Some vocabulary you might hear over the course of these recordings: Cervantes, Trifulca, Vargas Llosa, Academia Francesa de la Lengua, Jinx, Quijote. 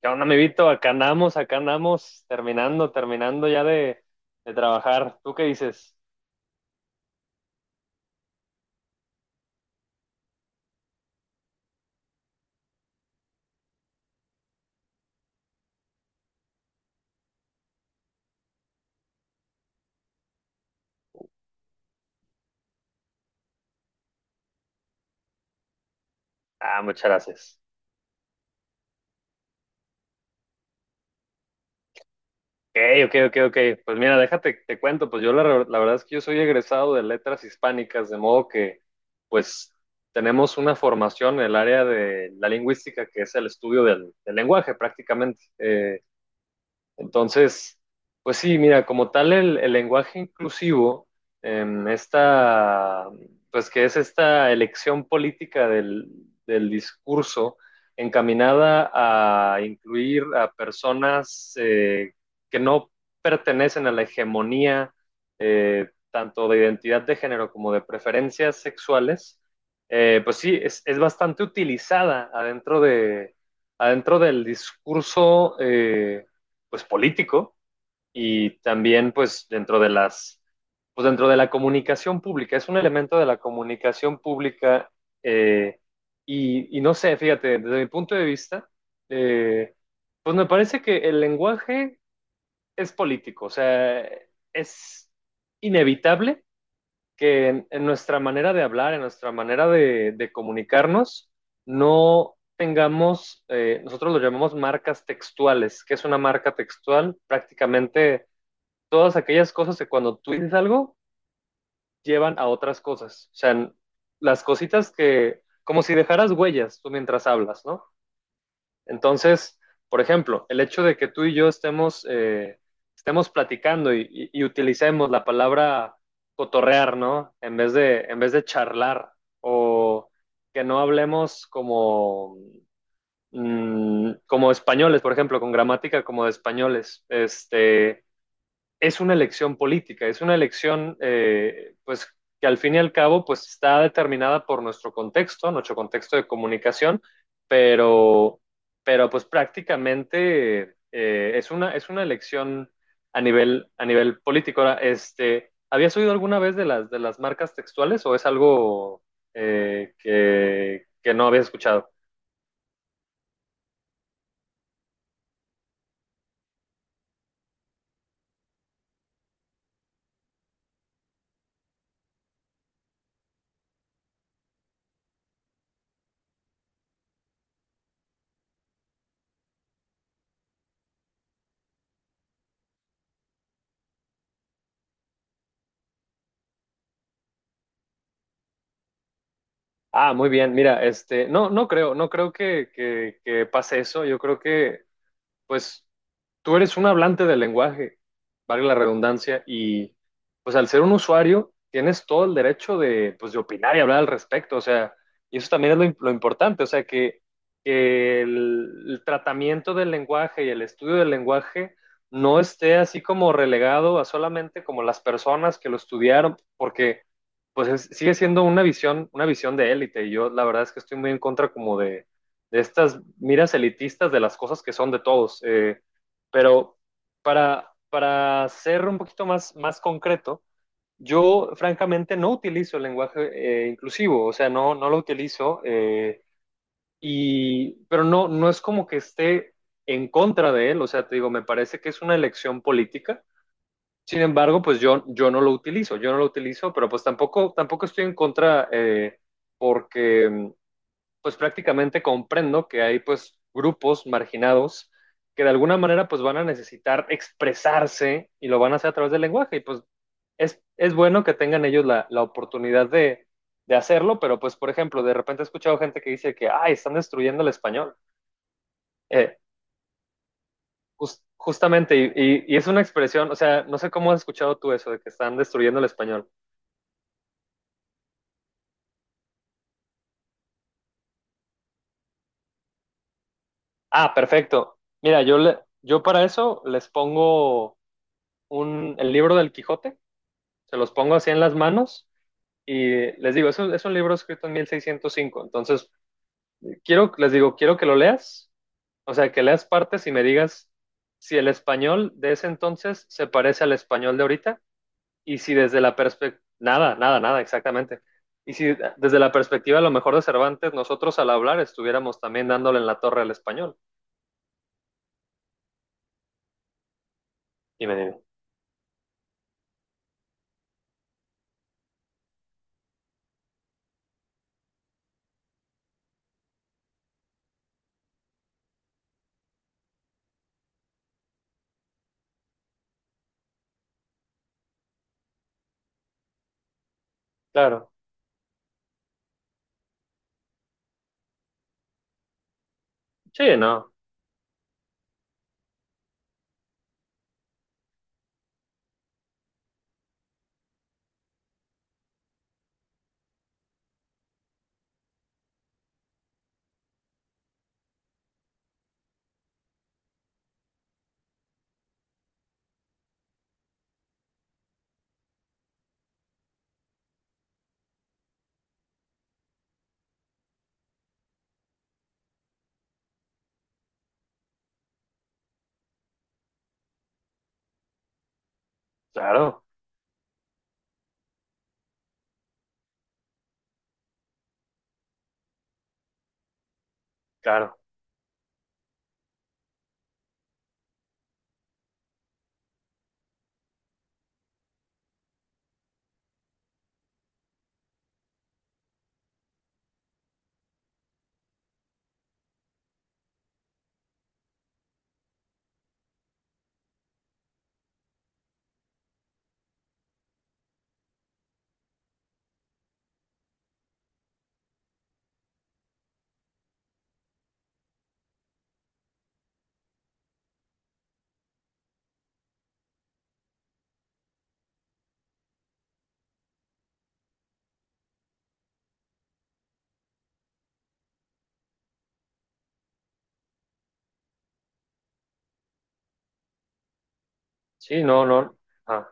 ¿Qué onda, amiguito? Acá andamos, terminando, terminando ya de trabajar. ¿Tú qué dices? Ah, muchas gracias. Ok, ok, ok, ok. Pues mira, déjate, te cuento, pues la verdad es que yo soy egresado de letras hispánicas, de modo que pues tenemos una formación en el área de la lingüística, que es el estudio del lenguaje prácticamente. Entonces, pues sí, mira, como tal el lenguaje inclusivo, em, esta, pues que es esta elección política del, del discurso encaminada a incluir a personas que no pertenecen a la hegemonía tanto de identidad de género como de preferencias sexuales, pues sí, es bastante utilizada adentro del discurso. Pues político y también pues pues dentro de la comunicación pública, es un elemento de la comunicación pública eh, y, no sé, fíjate, desde mi punto de vista, eh, pues me parece que el lenguaje es político, o sea, es inevitable que en nuestra manera de hablar, en nuestra manera de comunicarnos, no tengamos, nosotros lo llamamos marcas textuales. ¿Qué es una marca textual? Prácticamente todas aquellas cosas que cuando tú dices algo llevan a otras cosas. O sea, las cositas que, como si dejaras huellas tú mientras hablas, ¿no? Entonces, por ejemplo, el hecho de que tú y yo estemos, estemos platicando y, y utilicemos la palabra cotorrear, ¿no? En vez de charlar o que no hablemos como, como españoles, por ejemplo, con gramática como de españoles. Este, es una elección política, es una elección pues que al fin y al cabo pues está determinada por nuestro contexto de comunicación, pero, pero pues prácticamente es una elección a nivel político. Ahora, este, ¿habías oído alguna vez de las marcas textuales o es algo que no habías escuchado? Ah, muy bien. Mira, este, no, no creo, no creo que pase eso. Yo creo que pues tú eres un hablante del lenguaje, vale la redundancia, y pues al ser un usuario tienes todo el derecho de, pues, de opinar y hablar al respecto, o sea, y eso también es lo importante, o sea, que el tratamiento del lenguaje y el estudio del lenguaje no esté así como relegado a solamente como las personas que lo estudiaron, porque sigue siendo una visión de élite, y yo la verdad es que estoy muy en contra como de estas miras elitistas de las cosas que son de todos. Pero para ser un poquito más, más concreto, yo francamente no utilizo el lenguaje inclusivo, o sea, no, no lo utilizo, y, pero no, no es como que esté en contra de él, o sea, te digo, me parece que es una elección política. Sin embargo, pues yo no lo utilizo, yo no lo utilizo, pero pues tampoco, tampoco estoy en contra porque, pues prácticamente comprendo que hay pues grupos marginados que de alguna manera pues van a necesitar expresarse y lo van a hacer a través del lenguaje y pues es bueno que tengan ellos la, la oportunidad de, hacerlo, pero pues por ejemplo, de repente he escuchado gente que dice que, ay, están destruyendo el español. Eh, justamente, y es una expresión, o sea, no sé cómo has escuchado tú eso de que están destruyendo el español. Ah, perfecto. Mira, yo para eso les pongo un, el libro del Quijote se los pongo así en las manos y les digo, es un libro escrito en 1605, entonces quiero, les digo, quiero que lo leas, o sea, que leas partes y me digas si el español de ese entonces se parece al español de ahorita y si desde la perspectiva, nada, nada, nada, exactamente. Y si desde la perspectiva a lo mejor de Cervantes, nosotros al hablar estuviéramos también dándole en la torre al español. Y me dijo claro, sí, no, claro, claro, sí, no, no, ah,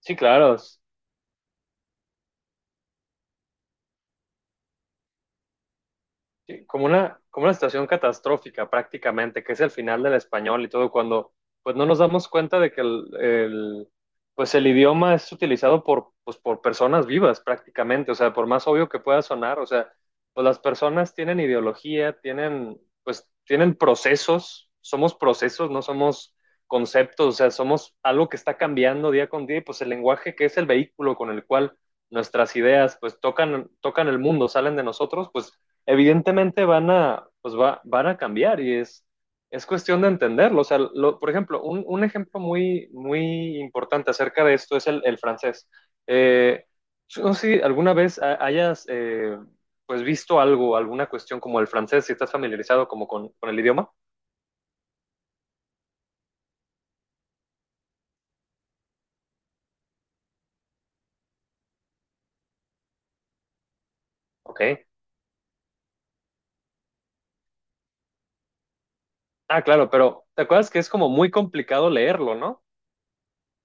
sí, claro. Sí, como una situación catastrófica prácticamente, que es el final del español y todo, cuando pues no nos damos cuenta de que el, pues el idioma es utilizado por, pues, por personas vivas prácticamente, o sea, por más obvio que pueda sonar, o sea, pues las personas tienen ideología, tienen, pues tienen procesos, somos procesos, no somos conceptos, o sea, somos algo que está cambiando día con día y pues el lenguaje que es el vehículo con el cual nuestras ideas pues tocan, tocan el mundo, salen de nosotros, pues evidentemente van a, pues va, van a cambiar y es cuestión de entenderlo. O sea, por ejemplo, un ejemplo muy, muy importante acerca de esto es el francés. Eh, yo no sé si alguna vez hayas pues visto algo, alguna cuestión como el francés, si estás familiarizado como con el idioma. Ok. Ah, claro, pero ¿te acuerdas que es como muy complicado leerlo, ¿no?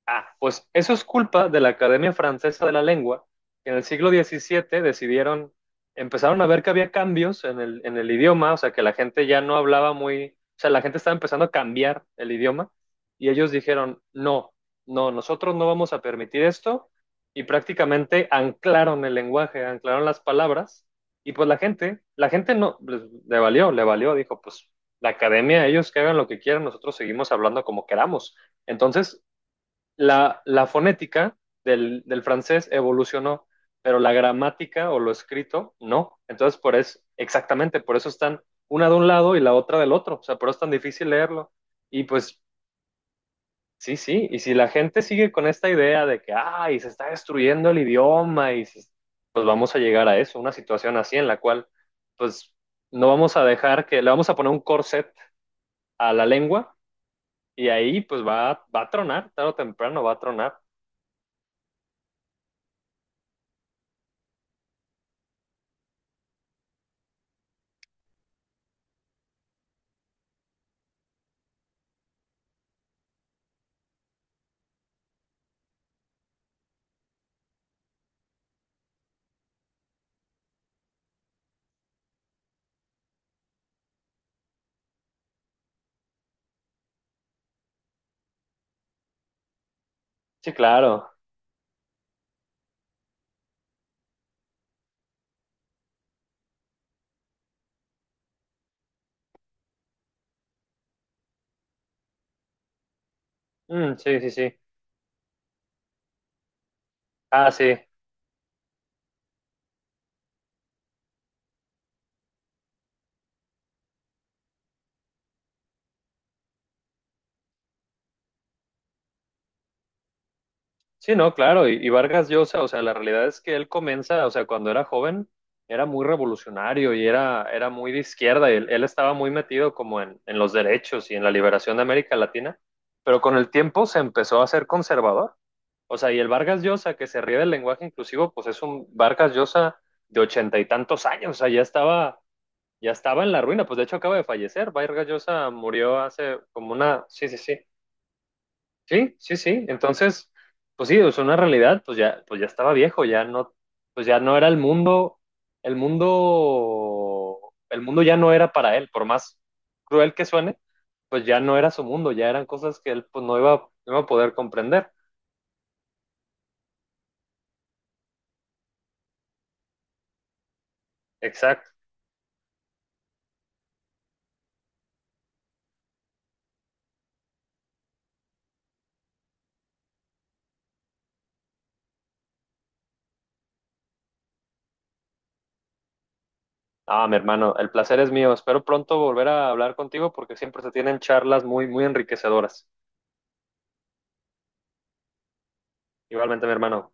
Ah, pues eso es culpa de la Academia Francesa de la Lengua, que en el siglo XVII decidieron, empezaron a ver que había cambios en el idioma, o sea, que la gente ya no hablaba muy, o sea, la gente estaba empezando a cambiar el idioma y ellos dijeron, no, no, nosotros no vamos a permitir esto y prácticamente anclaron el lenguaje, anclaron las palabras y pues la gente no, le valió, dijo, pues la academia, ellos que hagan lo que quieran, nosotros seguimos hablando como queramos. Entonces, la fonética del francés evolucionó, pero la gramática o lo escrito no. Entonces, por eso, exactamente, por eso están una de un lado y la otra del otro. O sea, por eso es tan difícil leerlo. Y pues, sí, sí. Y si la gente sigue con esta idea de que, ay, se está destruyendo el idioma, pues vamos a llegar a eso, una situación así en la cual, pues, no vamos a dejar que, le vamos a poner un corset a la lengua y ahí, pues, va, va a tronar, tarde o temprano va a tronar. Sí, claro. Mm, sí, sí, sí. Ah, sí. Sí, no, claro. Y Vargas Llosa, o sea, la realidad es que él comienza, o sea, cuando era joven, era muy revolucionario y era, era muy de izquierda. Y él estaba muy metido como en los derechos y en la liberación de América Latina, pero con el tiempo se empezó a ser conservador. O sea, y el Vargas Llosa, que se ríe del lenguaje inclusivo, pues es un Vargas Llosa de ochenta y tantos años. O sea, ya estaba en la ruina. Pues de hecho acaba de fallecer. Vargas Llosa murió hace como una, sí, sí, sí. Sí, sí, sí. Entonces, pues sí, es una realidad, pues ya estaba viejo, ya no, pues ya no era el mundo, el mundo, el mundo ya no era para él, por más cruel que suene, pues ya no era su mundo, ya eran cosas que él pues no iba, no iba a poder comprender. Exacto. Ah, mi hermano, el placer es mío. Espero pronto volver a hablar contigo porque siempre se tienen charlas muy, muy enriquecedoras. Igualmente, mi hermano.